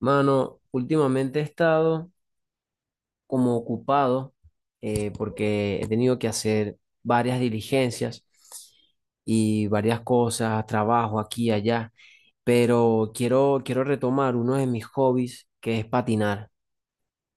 Mano, últimamente he estado como ocupado porque he tenido que hacer varias diligencias y varias cosas, trabajo aquí y allá, pero quiero retomar uno de mis hobbies, que es patinar.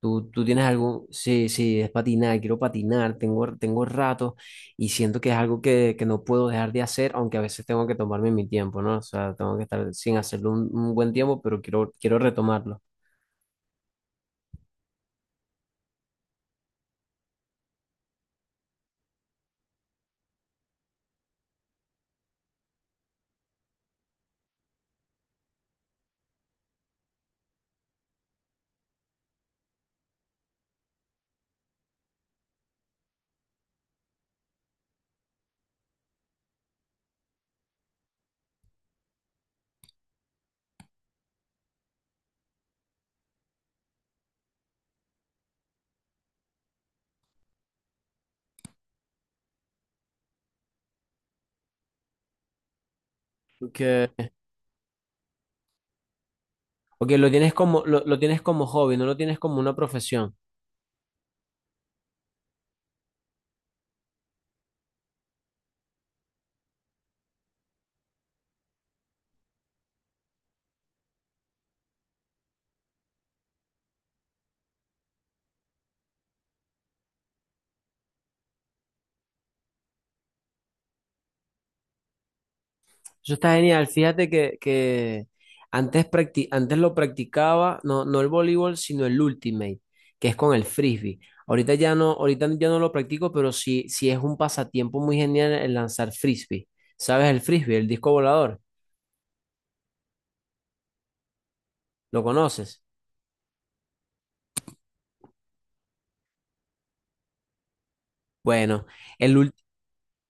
¿Tú tienes algo? Sí, sí, es patinar, quiero patinar, tengo rato y siento que es algo que no puedo dejar de hacer, aunque a veces tengo que tomarme mi tiempo, ¿no? O sea, tengo que estar sin hacerlo un buen tiempo, pero quiero retomarlo. Ok. Porque lo tienes como, lo tienes como hobby, no lo tienes como una profesión. Eso está genial. Fíjate que antes, antes lo practicaba, no, no el voleibol, sino el ultimate, que es con el frisbee. Ahorita ya no lo practico, pero sí, sí es un pasatiempo muy genial el lanzar frisbee. ¿Sabes el frisbee, el disco volador? ¿Lo conoces? Bueno, el ul-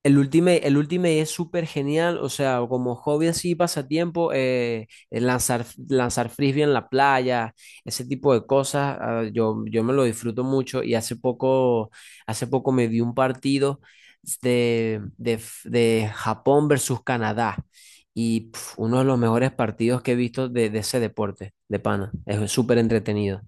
el Ultimate, el Ultimate es súper genial, o sea, como hobby así, pasatiempo, lanzar, lanzar frisbee en la playa, ese tipo de cosas, ah, yo me lo disfruto mucho y hace poco me vi un partido de Japón versus Canadá y pf, uno de los mejores partidos que he visto de ese deporte, de pana, es súper entretenido.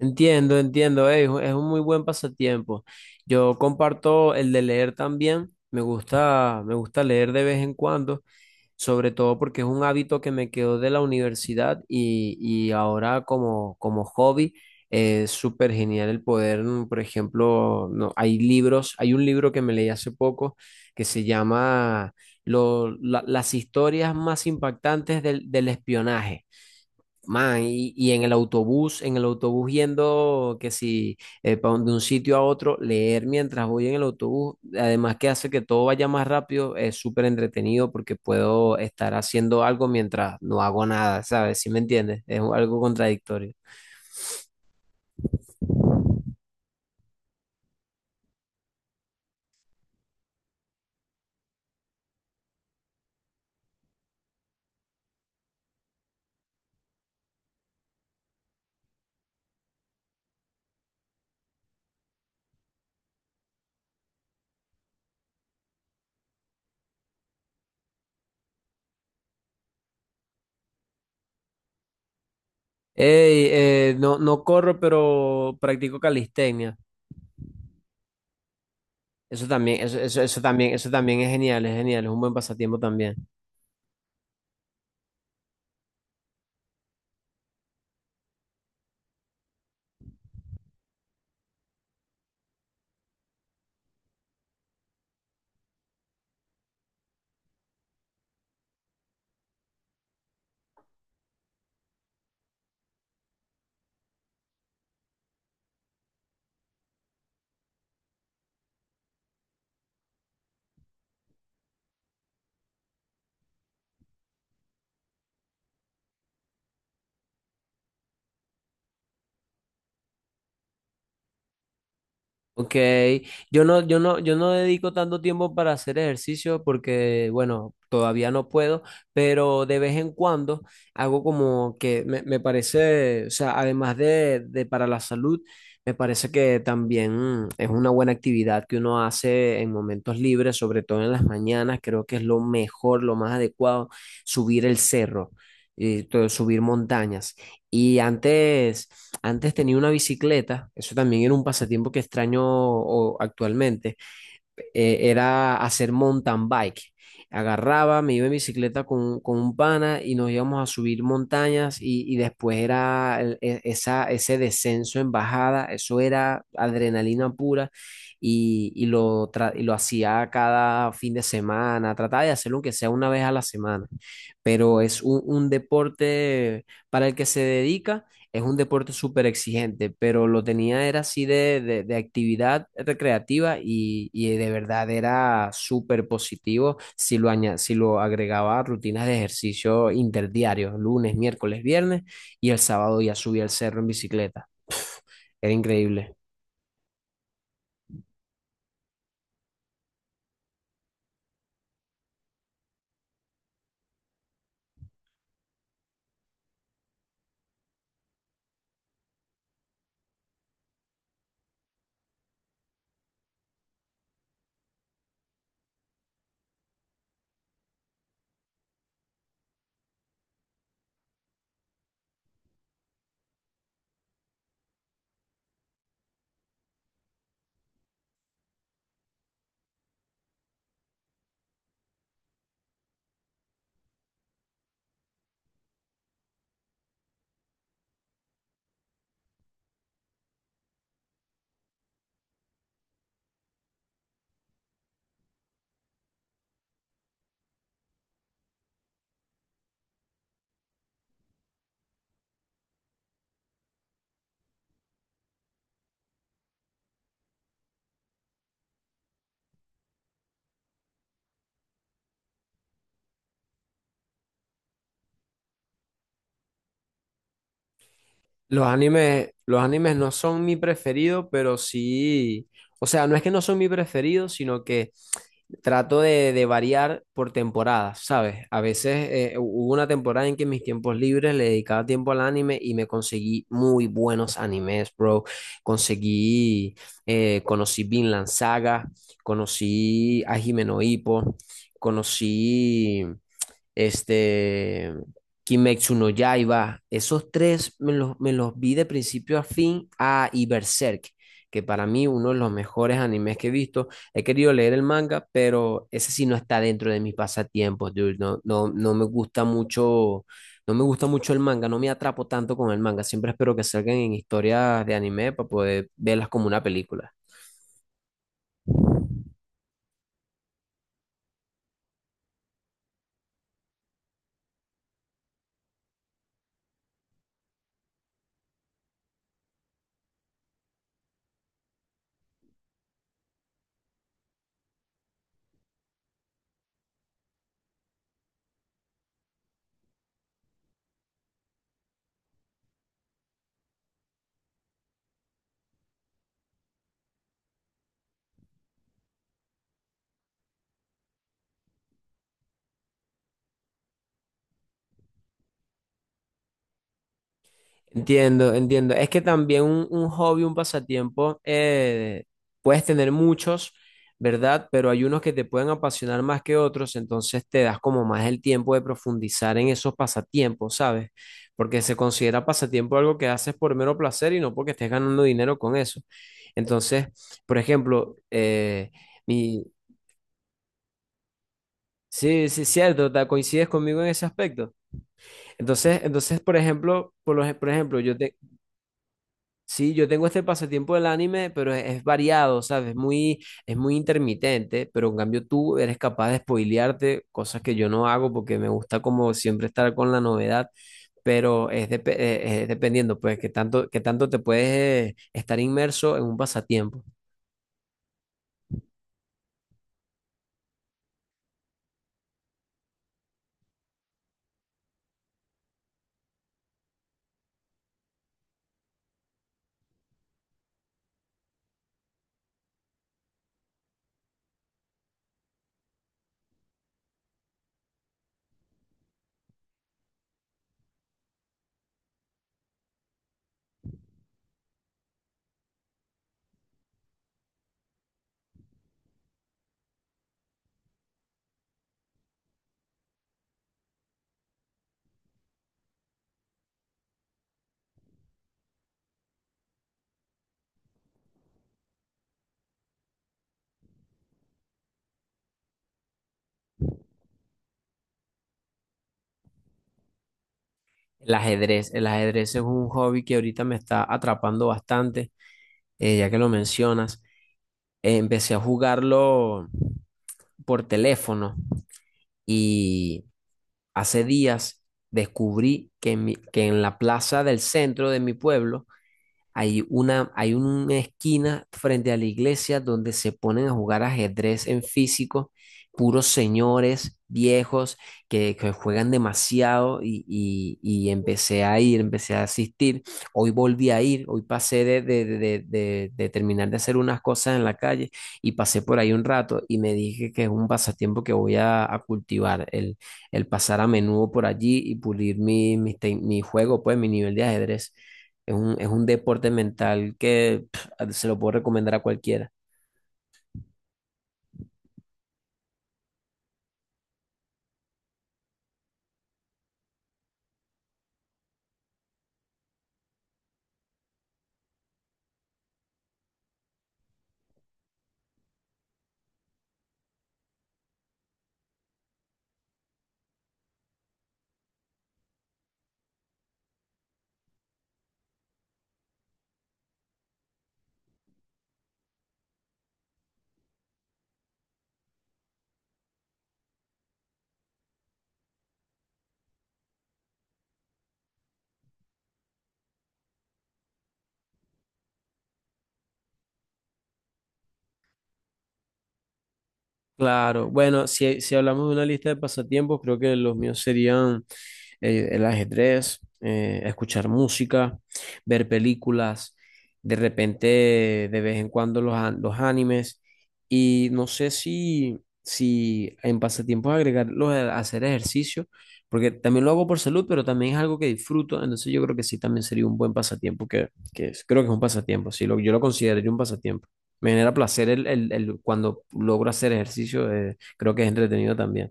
Entiendo, entiendo, es un muy buen pasatiempo. Yo comparto el de leer también. Me gusta leer de vez en cuando, sobre todo porque es un hábito que me quedó de la universidad y ahora como, como hobby es súper genial el poder, mm, por ejemplo, no, hay libros, hay un libro que me leí hace poco que se llama Las historias más impactantes del espionaje. Man, y en el autobús yendo, que si pa' de un sitio a otro, leer mientras voy en el autobús, además que hace que todo vaya más rápido, es súper entretenido porque puedo estar haciendo algo mientras no hago nada, ¿sabes? ¿Sí me entiendes? Algo contradictorio. Ey, no, no corro, pero practico calistenia. Eso también, eso, eso también es genial, es genial, es un buen pasatiempo también. Ok, yo no, yo no, yo no dedico tanto tiempo para hacer ejercicio porque, bueno, todavía no puedo, pero de vez en cuando hago como que me parece, o sea, además de para la salud, me parece que también es una buena actividad que uno hace en momentos libres, sobre todo en las mañanas, creo que es lo mejor, lo más adecuado, subir el cerro, subir montañas. Y antes... Antes tenía una bicicleta, eso también era un pasatiempo que extraño actualmente, era hacer mountain bike. Agarraba, me iba en bicicleta con un pana y nos íbamos a subir montañas y después era esa, ese descenso en bajada, eso era adrenalina pura y, y lo hacía cada fin de semana, trataba de hacerlo aunque sea una vez a la semana, pero es un deporte para el que se dedica, es un deporte súper exigente, pero lo tenía era así de, de actividad recreativa y de verdad era súper positivo si lo, si lo agregaba a rutinas de ejercicio interdiarios, lunes, miércoles, viernes, y el sábado ya subía al cerro en bicicleta. Era increíble. Los animes no son mi preferido, pero sí, o sea, no es que no son mi preferido, sino que... Trato de variar por temporadas, ¿sabes? A veces hubo una temporada en que en mis tiempos libres le dedicaba tiempo al anime y me conseguí muy buenos animes, bro. Conseguí, conocí Vinland Saga, conocí a Himeno Hippo, conocí este, Kimetsu no Yaiba, esos tres me los vi de principio a fin, a y Berserk, que para mí uno de los mejores animes que he visto. He querido leer el manga, pero ese sí no está dentro de mis pasatiempos, dude. No, no, no me gusta mucho, no me gusta mucho el manga, no me atrapo tanto con el manga. Siempre espero que salgan en historias de anime para poder verlas como una película. Entiendo, entiendo. Es que también un hobby, un pasatiempo, puedes tener muchos, ¿verdad? Pero hay unos que te pueden apasionar más que otros, entonces te das como más el tiempo de profundizar en esos pasatiempos, ¿sabes? Porque se considera pasatiempo algo que haces por mero placer y no porque estés ganando dinero con eso. Entonces, por ejemplo, mi... Sí, sí, cierto, coincides conmigo en ese aspecto. Entonces, entonces, por ejemplo, por ejemplo, yo, te, sí, yo tengo este pasatiempo del anime, pero es variado, ¿sabes? Es muy intermitente, pero en cambio tú eres capaz de spoilearte, cosas que yo no hago porque me gusta como siempre estar con la novedad, pero es, es dependiendo, pues, qué tanto te puedes estar inmerso en un pasatiempo. El ajedrez es un hobby que ahorita me está atrapando bastante, ya que lo mencionas. Empecé a jugarlo por teléfono. Hace días descubrí que que en la plaza del centro de mi pueblo hay una esquina frente a la iglesia donde se ponen a jugar ajedrez en físico, puros señores viejos que juegan demasiado y, y empecé a ir, empecé a asistir. Hoy volví a ir, hoy pasé de, de terminar de hacer unas cosas en la calle y pasé por ahí un rato y me dije que es un pasatiempo que voy a cultivar, el pasar a menudo por allí y pulir mi, mi juego, pues mi nivel de ajedrez. Es un deporte mental que pf, se lo puedo recomendar a cualquiera. Claro, bueno, si, si hablamos de una lista de pasatiempos, creo que los míos serían el ajedrez, escuchar música, ver películas, de repente, de vez en cuando los animes, y no sé si, si en pasatiempos agregar los de hacer ejercicio, porque también lo hago por salud, pero también es algo que disfruto, entonces yo creo que sí, también sería un buen pasatiempo, que, creo que es un pasatiempo, sí, lo, yo lo consideraría un pasatiempo. Me genera placer cuando logro hacer ejercicio, creo que es entretenido también.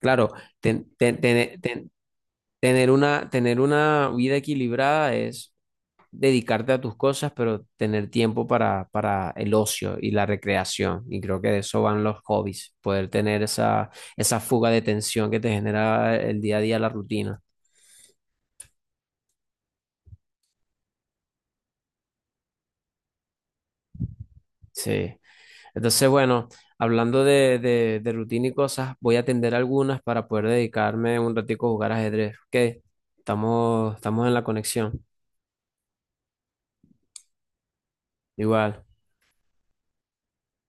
Claro, ten- ten- ten- ten- tener una vida equilibrada es dedicarte a tus cosas, pero tener tiempo para el ocio y la recreación. Y creo que de eso van los hobbies, poder tener esa, esa fuga de tensión que te genera el día a día la rutina. Sí. Entonces, bueno, hablando de rutina y cosas, voy a atender algunas para poder dedicarme un ratico a jugar ajedrez. Ok, estamos, estamos en la conexión. Igual.